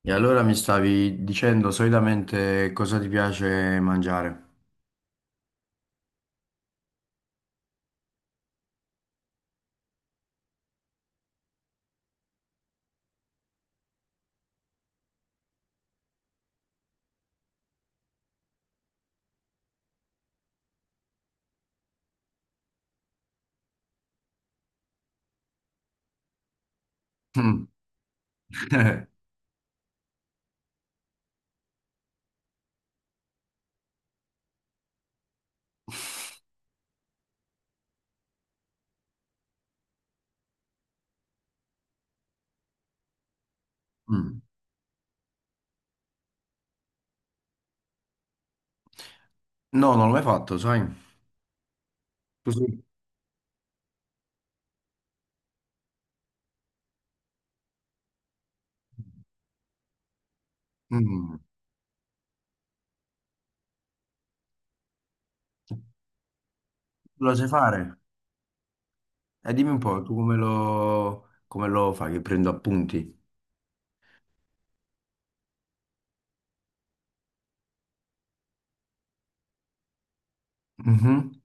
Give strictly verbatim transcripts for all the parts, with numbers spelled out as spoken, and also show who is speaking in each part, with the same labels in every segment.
Speaker 1: E allora mi stavi dicendo solitamente cosa ti piace mangiare? Mm. Mm. No, non l'ho mai fatto, sai? Tu sì? Mm. Tu Lo sai fare? E dimmi un po', tu come lo, come lo fai? Che prendo appunti? Mhm,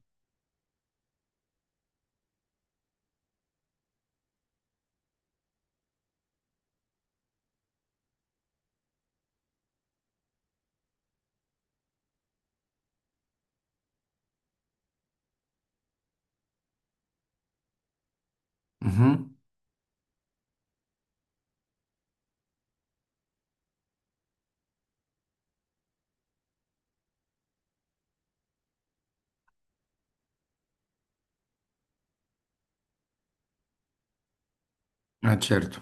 Speaker 1: mhm. Ah, certo.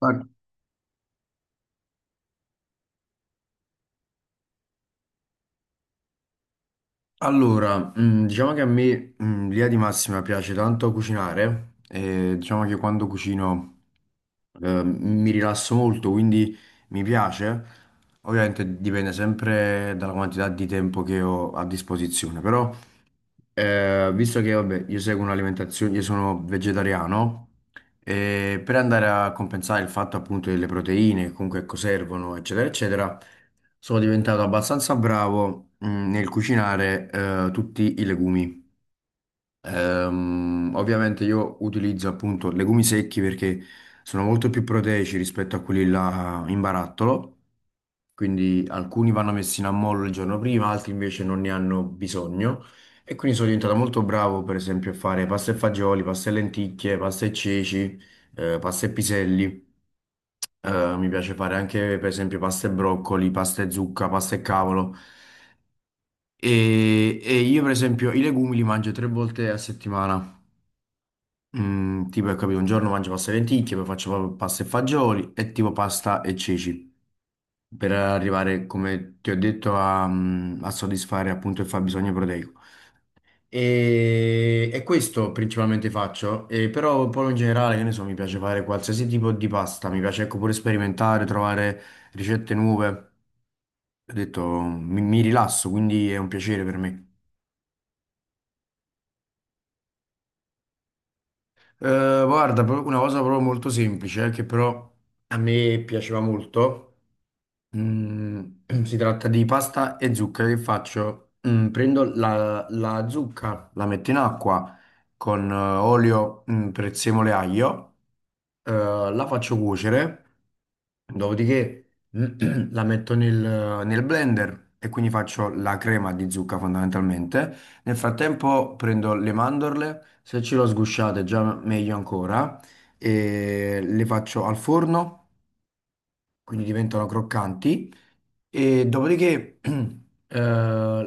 Speaker 1: Ma Allora, mm, diciamo che a me, mm, l'idea di massima piace tanto cucinare e diciamo che quando cucino eh, mi rilasso molto, quindi mi piace. Ovviamente dipende sempre dalla quantità di tempo che ho a disposizione, però eh, visto che vabbè, io seguo un'alimentazione, io sono vegetariano, e per andare a compensare il fatto appunto delle proteine, comunque ecco, servono, eccetera, eccetera, sono diventato abbastanza bravo, mh, nel cucinare, eh, tutti i legumi. Ehm, ovviamente io utilizzo appunto legumi secchi perché sono molto più proteici rispetto a quelli là in barattolo, quindi alcuni vanno messi in ammollo il giorno prima, altri invece non ne hanno bisogno e quindi sono diventato molto bravo per esempio a fare pasta e fagioli, pasta e lenticchie, pasta e ceci, eh, pasta e piselli. Eh, mi piace fare anche per esempio pasta e broccoli, pasta e zucca, pasta e cavolo. E, e io per esempio i legumi li mangio tre volte a settimana. Mm, tipo, hai capito, un giorno mangio pasta e lenticchie, poi faccio proprio pasta e fagioli e tipo pasta e ceci per arrivare, come ti ho detto, a, mm, a soddisfare appunto il fabbisogno proteico. E, e questo principalmente faccio, e però poi in generale, che ne so, mi piace fare qualsiasi tipo di pasta, mi piace ecco pure sperimentare, trovare ricette nuove. Ho detto, mi, mi rilasso, quindi è un piacere per me. Eh, guarda, pro- una cosa proprio molto semplice, eh, che però a me piaceva molto. Mm, si tratta di pasta e zucca che faccio? Mm, prendo la, la zucca, la metto in acqua con eh, olio, mm, prezzemolo e aglio, eh, la faccio cuocere, dopodiché la metto nel, nel blender e quindi faccio la crema di zucca fondamentalmente. Nel frattempo prendo le mandorle, se ce l'ho sgusciate già meglio ancora, e le faccio al forno, quindi diventano croccanti. E dopodiché eh,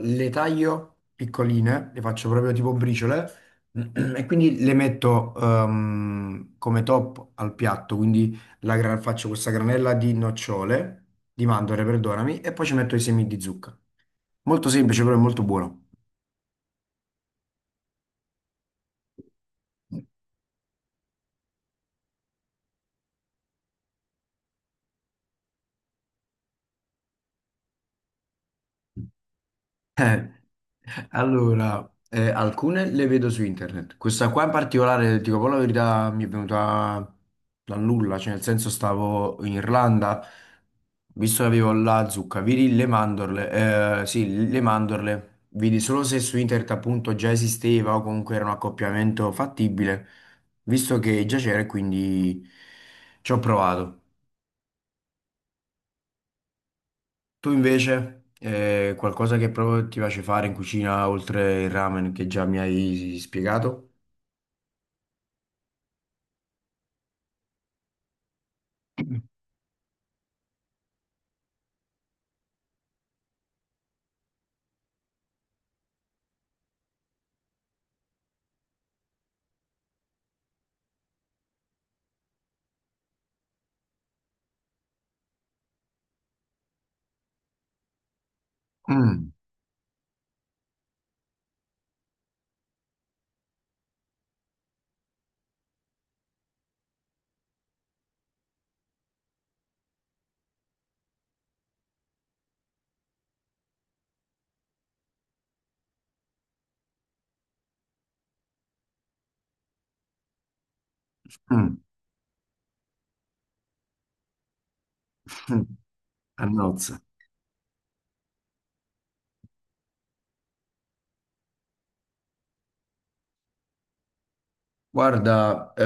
Speaker 1: le taglio piccoline, le faccio proprio tipo briciole, e quindi le metto ehm, come top al piatto. Quindi la gra- faccio questa granella di nocciole, di mandorle, perdonami, e poi ci metto i semi di zucca. Molto semplice, però è molto buono. Eh, allora, eh, alcune le vedo su internet. Questa qua in particolare, dico poi la verità, mi è venuta dal nulla, cioè nel senso stavo in Irlanda, visto che avevo la zucca, vidi le mandorle, eh, sì, le mandorle, vidi solo se su internet appunto già esisteva o comunque era un accoppiamento fattibile, visto che già c'era e quindi ci ho provato. Tu invece, eh, qualcosa che proprio ti piace fare in cucina oltre il ramen che già mi hai spiegato? Mm, mm, mm, A nozze. Guarda, eh,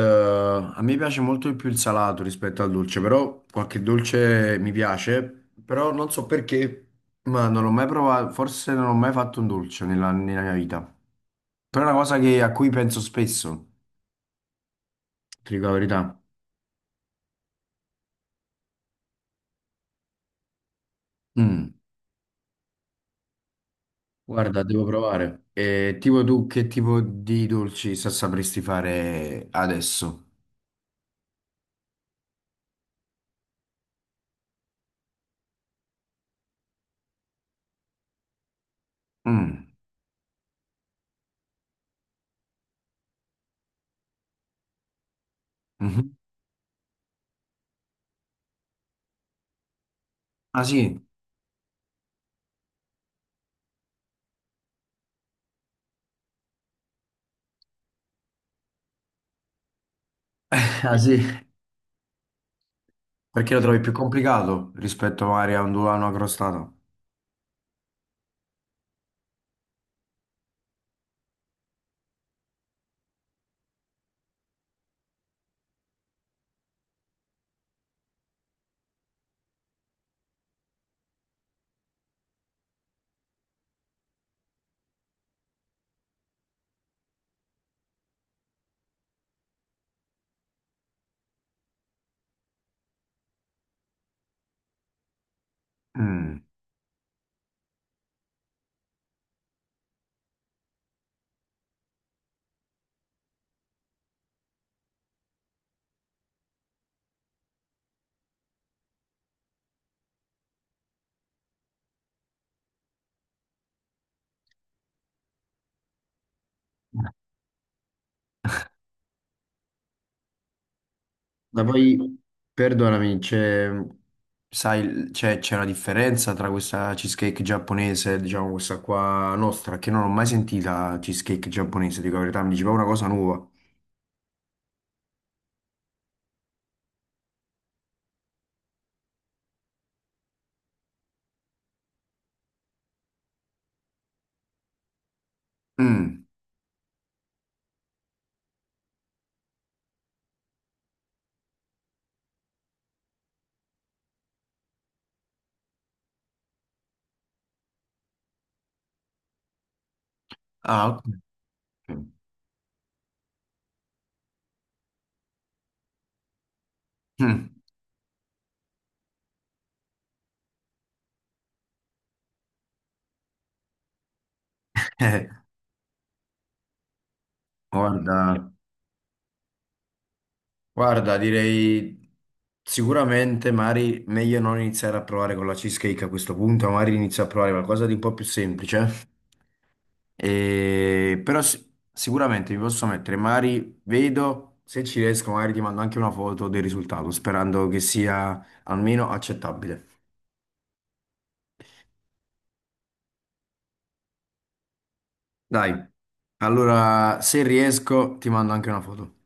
Speaker 1: a me piace molto di più il salato rispetto al dolce, però qualche dolce mi piace, però non so perché, ma non l'ho mai provato, forse non ho mai fatto un dolce nella, nella mia vita. Però è una cosa che- a cui penso spesso, ti dico la verità. Mm. Guarda, devo provare. Eh, tipo tu, che tipo di dolci sa- sapresti fare adesso? Mm. Mhm. Ah sì? Ah sì, perché lo trovi più complicato rispetto magari a un dulano accrostato? Mm. ma poi Perdonami, c'è sai, c'è c'è una differenza tra questa cheesecake giapponese e diciamo questa qua nostra, che non ho mai sentita cheesecake giapponese, dico la verità, mi diceva una cosa nuova. Mm. Ah, ok. Mm. Eh, Guarda. Guarda, direi sicuramente Mari meglio non iniziare a provare con la cheesecake a questo punto, magari inizio a provare qualcosa di un po' più semplice. E- Però si- sicuramente mi posso mettere Mari, vedo, se ci riesco magari ti mando anche una foto del risultato, sperando che sia almeno accettabile. Dai, allora se riesco ti mando anche una foto.